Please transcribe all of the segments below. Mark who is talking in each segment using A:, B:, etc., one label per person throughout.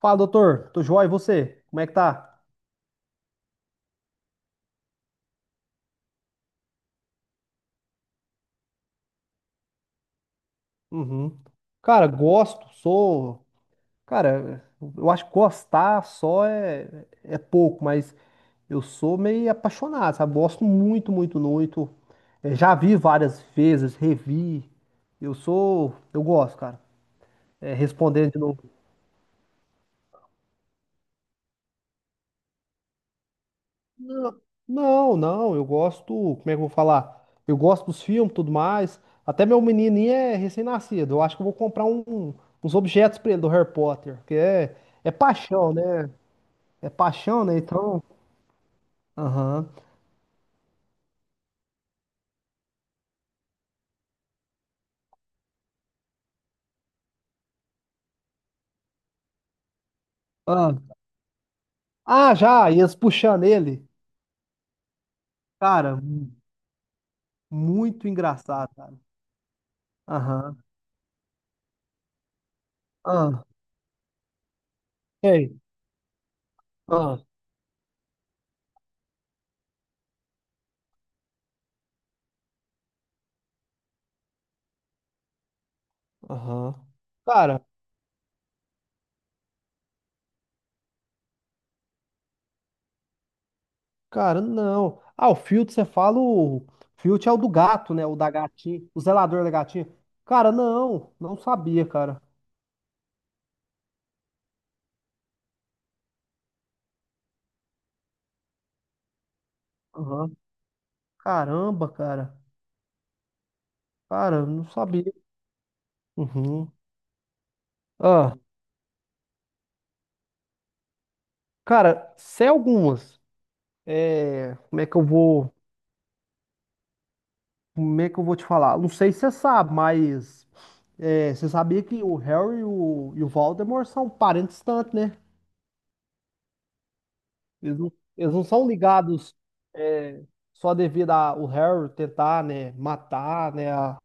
A: Fala, doutor. Tô joia, e você? Como é que tá? Uhum. Cara, gosto, sou. Cara, eu acho que gostar só é pouco, mas eu sou meio apaixonado, sabe? Gosto muito, muito, muito. Já vi várias vezes, revi. Eu sou. Eu gosto, cara. É, respondendo de novo. Não, não, eu gosto, como é que eu vou falar? Eu gosto dos filmes, tudo mais. Até meu menininho é recém-nascido. Eu acho que eu vou comprar uns objetos pra ele do Harry Potter, porque é paixão, né? É paixão, né? Então, aham. Ah, ah, já, e eles puxando ele. Cara, muito engraçado, cara. Aham. Ah, ei. Ah, aham. Cara, Cara, não. Ah, o Filt, você fala o... Filt é o do gato, né? O da gatinha. O zelador da gatinha. Cara, não. Não sabia, cara. Aham. Caramba, cara. Cara, não sabia. Uhum. Ah, cara, se é algumas. É... Como é que eu vou... Como é que eu vou te falar? Não sei se você sabe, mas... você sabia que o Harry e o Voldemort são parentes distantes, né? Eles não, eles não são ligados, é, só devido ao Harry tentar, né, matar, né,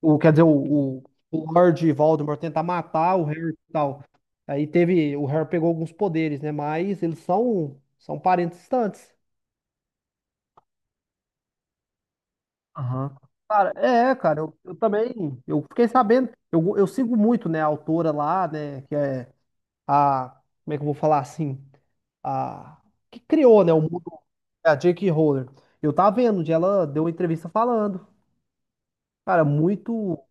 A: o, quer dizer, o Lord Voldemort tentar matar o Harry e tal. Aí teve, o Harry pegou alguns poderes, né, mas eles são, são parentes distantes. Aham. Cara, cara, eu também, eu fiquei sabendo, eu sigo muito, né, a autora lá, né, que é a, como é que eu vou falar assim? A que criou, né, o mundo, a J.K. Rowling. Eu tava vendo onde ela deu uma entrevista falando. Cara, muito,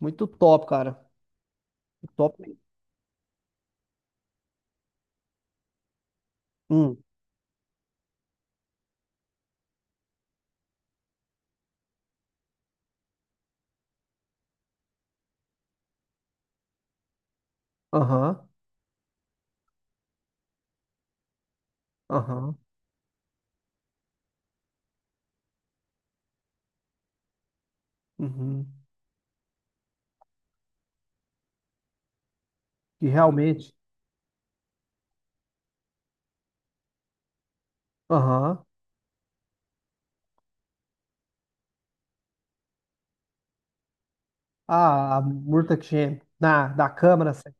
A: muito top, cara. Top mesmo. Hum, aham, aham, uhum. E realmente, aham. A Murta Champ na da Câmara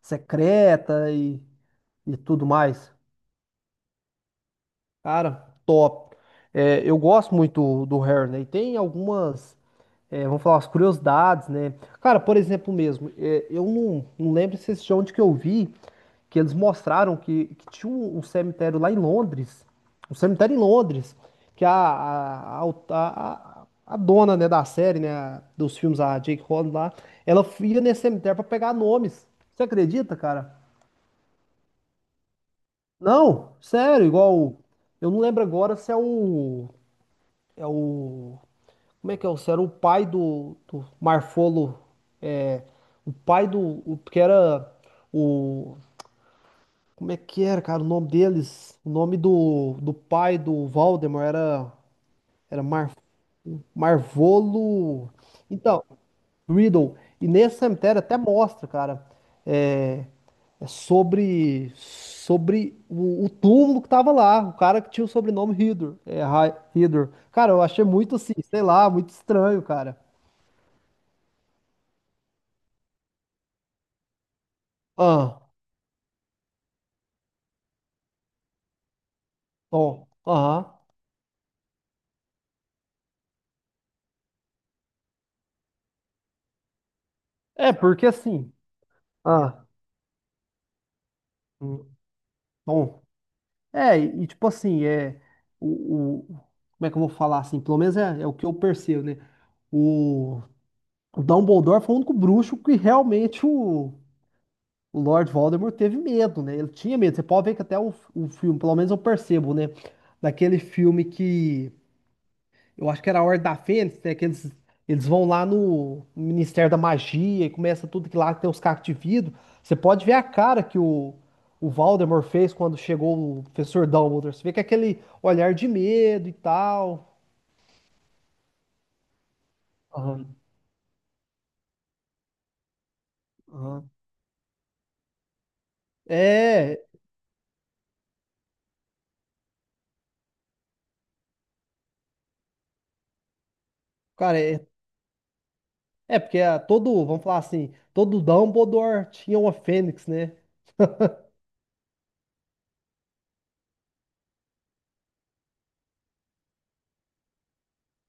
A: Secreta e tudo mais. Cara, top. É, eu gosto muito do Harry, né? E tem algumas. É, vamos falar as curiosidades, né? Cara, por exemplo mesmo, eu não lembro se esse de onde que eu vi, que eles mostraram que tinha um cemitério lá em Londres, um cemitério em Londres, que a- a dona, né, da série, né, dos filmes, a Jake Holland lá, ela ia nesse cemitério pra pegar nomes. Você acredita, cara? Não, sério, igual, eu não lembro agora se é o Como é que é? O era o pai do Marfolo. É, o pai do. O, que era o. Como é que era, cara? O nome deles. O nome do pai do Valdemar era. Era Marvolo. Então, Riddle. E nesse cemitério até mostra, cara. É, é sobre. Sobre o túmulo que tava lá. O cara que tinha o sobrenome Riddle. Riddle. Cara, eu achei muito assim, sei lá, muito estranho, cara. Ah, bom, aham. É, porque assim, ah, hum, bom, e tipo assim, o, o- como é que eu vou falar assim, pelo menos é o que eu percebo, né, o, o Dumbledore foi o único bruxo que realmente o Lord Voldemort teve medo, né, ele tinha medo. Você pode ver que até o filme, pelo menos eu percebo, né, daquele filme que eu acho que era a Ordem da Fênix, né? Que eles vão lá no Ministério da Magia e começa tudo que lá tem os cacos de vidro. Você pode ver a cara que o Voldemort fez quando chegou o professor Dumbledore. Você vê que é aquele olhar de medo e tal. Aham, aham. É, cara, é porque é todo, vamos falar assim, todo Dumbledore tinha uma Fênix, né?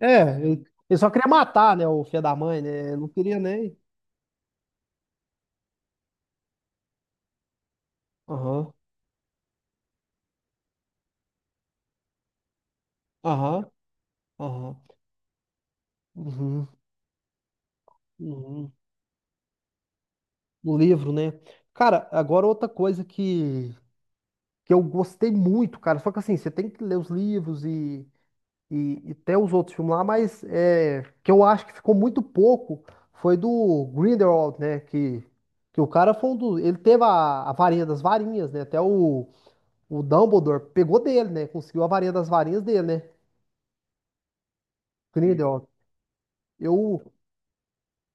A: É, ele só queria matar, né, o filho da mãe, né? Não queria nem. Aham, aham, aham. Uhum, uhum. No livro, né? Cara, agora outra coisa que eu gostei muito, cara. Só que assim, você tem que ler os livros e, e ter os outros filmes lá, mas que eu acho que ficou muito pouco foi do Grindelwald, né? Que o cara foi um dos. Ele teve a varinha das varinhas, né? Até o Dumbledore pegou dele, né? Conseguiu a varinha das varinhas dele, né? Grindelwald. Eu,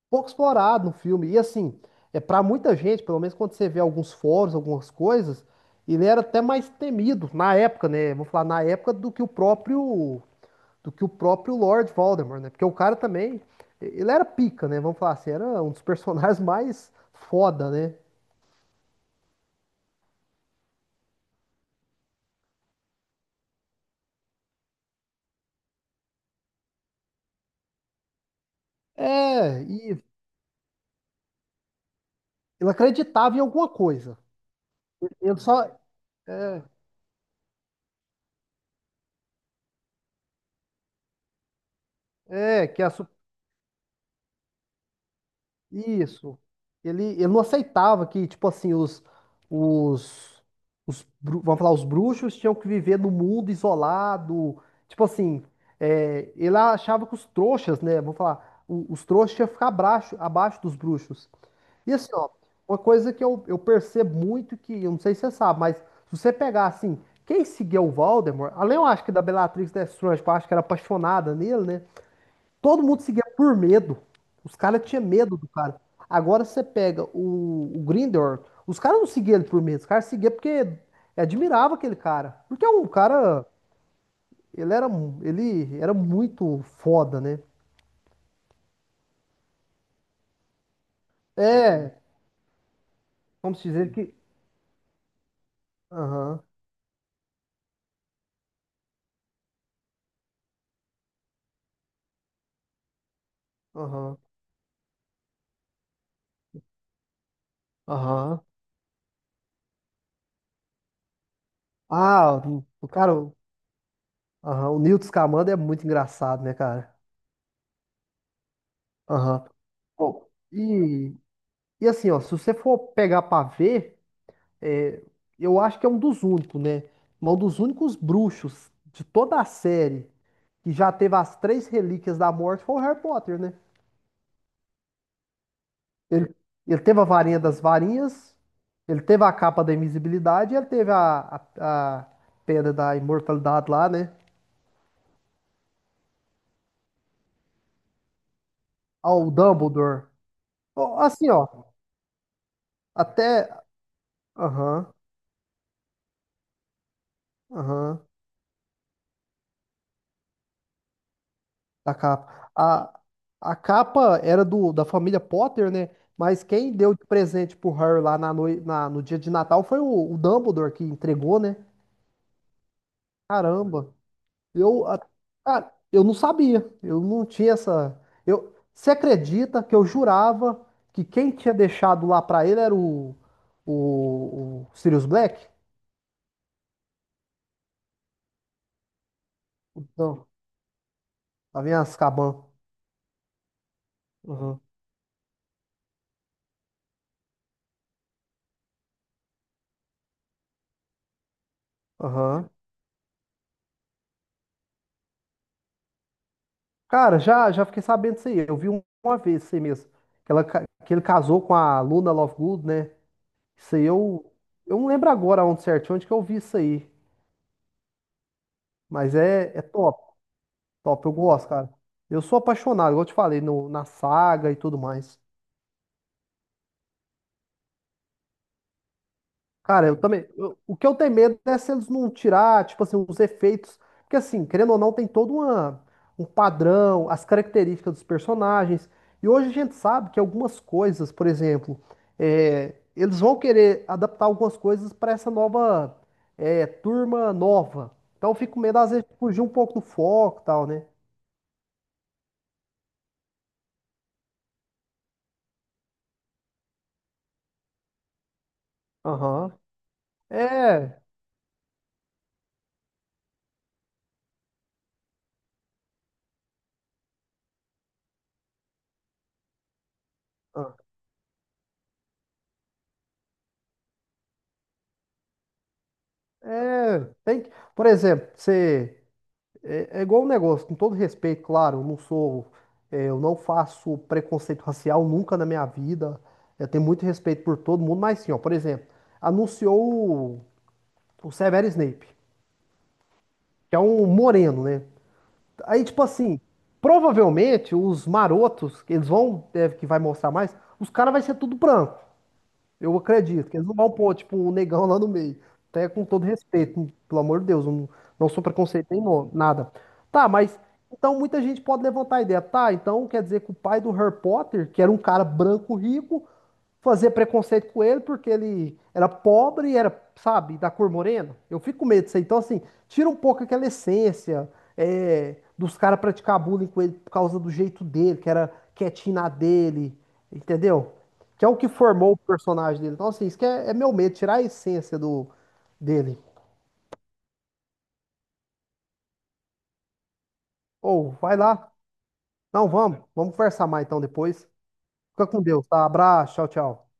A: pouco explorado no filme. E assim, é para muita gente, pelo menos quando você vê alguns fóruns, algumas coisas, ele era até mais temido na época, né? Vou falar na época do que o próprio Lord Voldemort, né? Porque o cara também, ele era pica, né? Vamos falar assim, era um dos personagens mais foda, né? É, e ele acreditava em alguma coisa. Ele só é, é que a, su- Isso. Ele não aceitava que, tipo assim, os, vamos falar, os bruxos tinham que viver no mundo isolado. Tipo assim, ele achava que os trouxas, né? Vamos falar, o- os trouxas tinham que ficar abaixo, abaixo dos bruxos. E assim, ó, uma coisa que eu percebo muito, que eu não sei se você sabe, mas se você pegar, assim, quem seguia o Voldemort, além eu acho que da Bellatrix Lestrange, que eu acho que era apaixonada nele, né? Todo mundo seguia por medo. Os caras tinham medo do cara. Agora você pega o Grindr, os caras não seguiam ele por medo, os caras seguiam porque admirava aquele cara. Porque é um cara, ele era muito foda, né? É, vamos dizer que. Aham, aham, aham. Ah, o cara, aham, o Newton Scamander é muito engraçado, né, cara? Aham. Bom, e, assim, ó, se você for pegar pra ver. É, eu acho que é um dos únicos, né? Um dos únicos bruxos de toda a série que já teve as três relíquias da morte foi o Harry Potter, né? Ele, ele teve a varinha das varinhas, ele teve a capa da invisibilidade, e ele teve a pedra da imortalidade lá, né? Ó, o Dumbledore. Ó, assim, ó, até. Aham, aham. Da capa. A capa era do, da família Potter, né? Mas quem deu de presente pro Harry lá no dia de Natal foi o Dumbledore que entregou, né? Caramba. Eu, a- cara, eu não sabia. Eu não tinha essa. Você acredita que eu jurava que quem tinha deixado lá pra ele era o Sirius Black? Não, lá vem as Caban. Aham. Aham. Cara, já fiquei sabendo disso aí. Eu vi uma vez isso aí mesmo. Que ele casou com a Luna Lovegood, né? Isso aí eu não lembro agora onde certinho, onde que eu vi isso aí. Mas é top, top. Eu gosto, cara. Eu sou apaixonado, igual eu te falei, no, na saga e tudo mais. Cara, eu também. O que eu tenho medo é se eles não tirar, tipo assim, os efeitos. Porque assim, querendo ou não, tem todo uma, um padrão, as características dos personagens. E hoje a gente sabe que algumas coisas, por exemplo, eles vão querer adaptar algumas coisas para essa nova, turma nova. Então eu fico com medo, às vezes, de fugir um pouco do foco e tal, né? Aham. É. ah, É. Tem que, por exemplo, você. É igual um negócio, com todo respeito, claro, eu não sou, eu não faço preconceito racial nunca na minha vida. Eu tenho muito respeito por todo mundo, mas sim, ó, por exemplo, anunciou o Severo Snape, que é um moreno, né? Aí, tipo assim, provavelmente os marotos, que eles vão, deve que vai mostrar mais, os caras vai ser tudo branco. Eu acredito que eles não vão pôr, tipo, um negão lá no meio. Até com todo respeito, pelo amor de Deus, eu não sou preconceito nem nada. Tá, mas então muita gente pode levantar a ideia. Tá, então quer dizer que o pai do Harry Potter, que era um cara branco rico, fazia preconceito com ele porque ele era pobre e era, sabe, da cor morena. Eu fico com medo disso aí. Então, assim, tira um pouco aquela essência, dos caras praticar bullying com ele por causa do jeito dele, que era quietinho na dele, entendeu? Que é o que formou o personagem dele. Então, assim, isso que é meu medo, tirar a essência do dele. Ou, vai lá. Não, vamos. Vamos conversar mais então depois. Fica com Deus, tá? Abraço, tchau, tchau.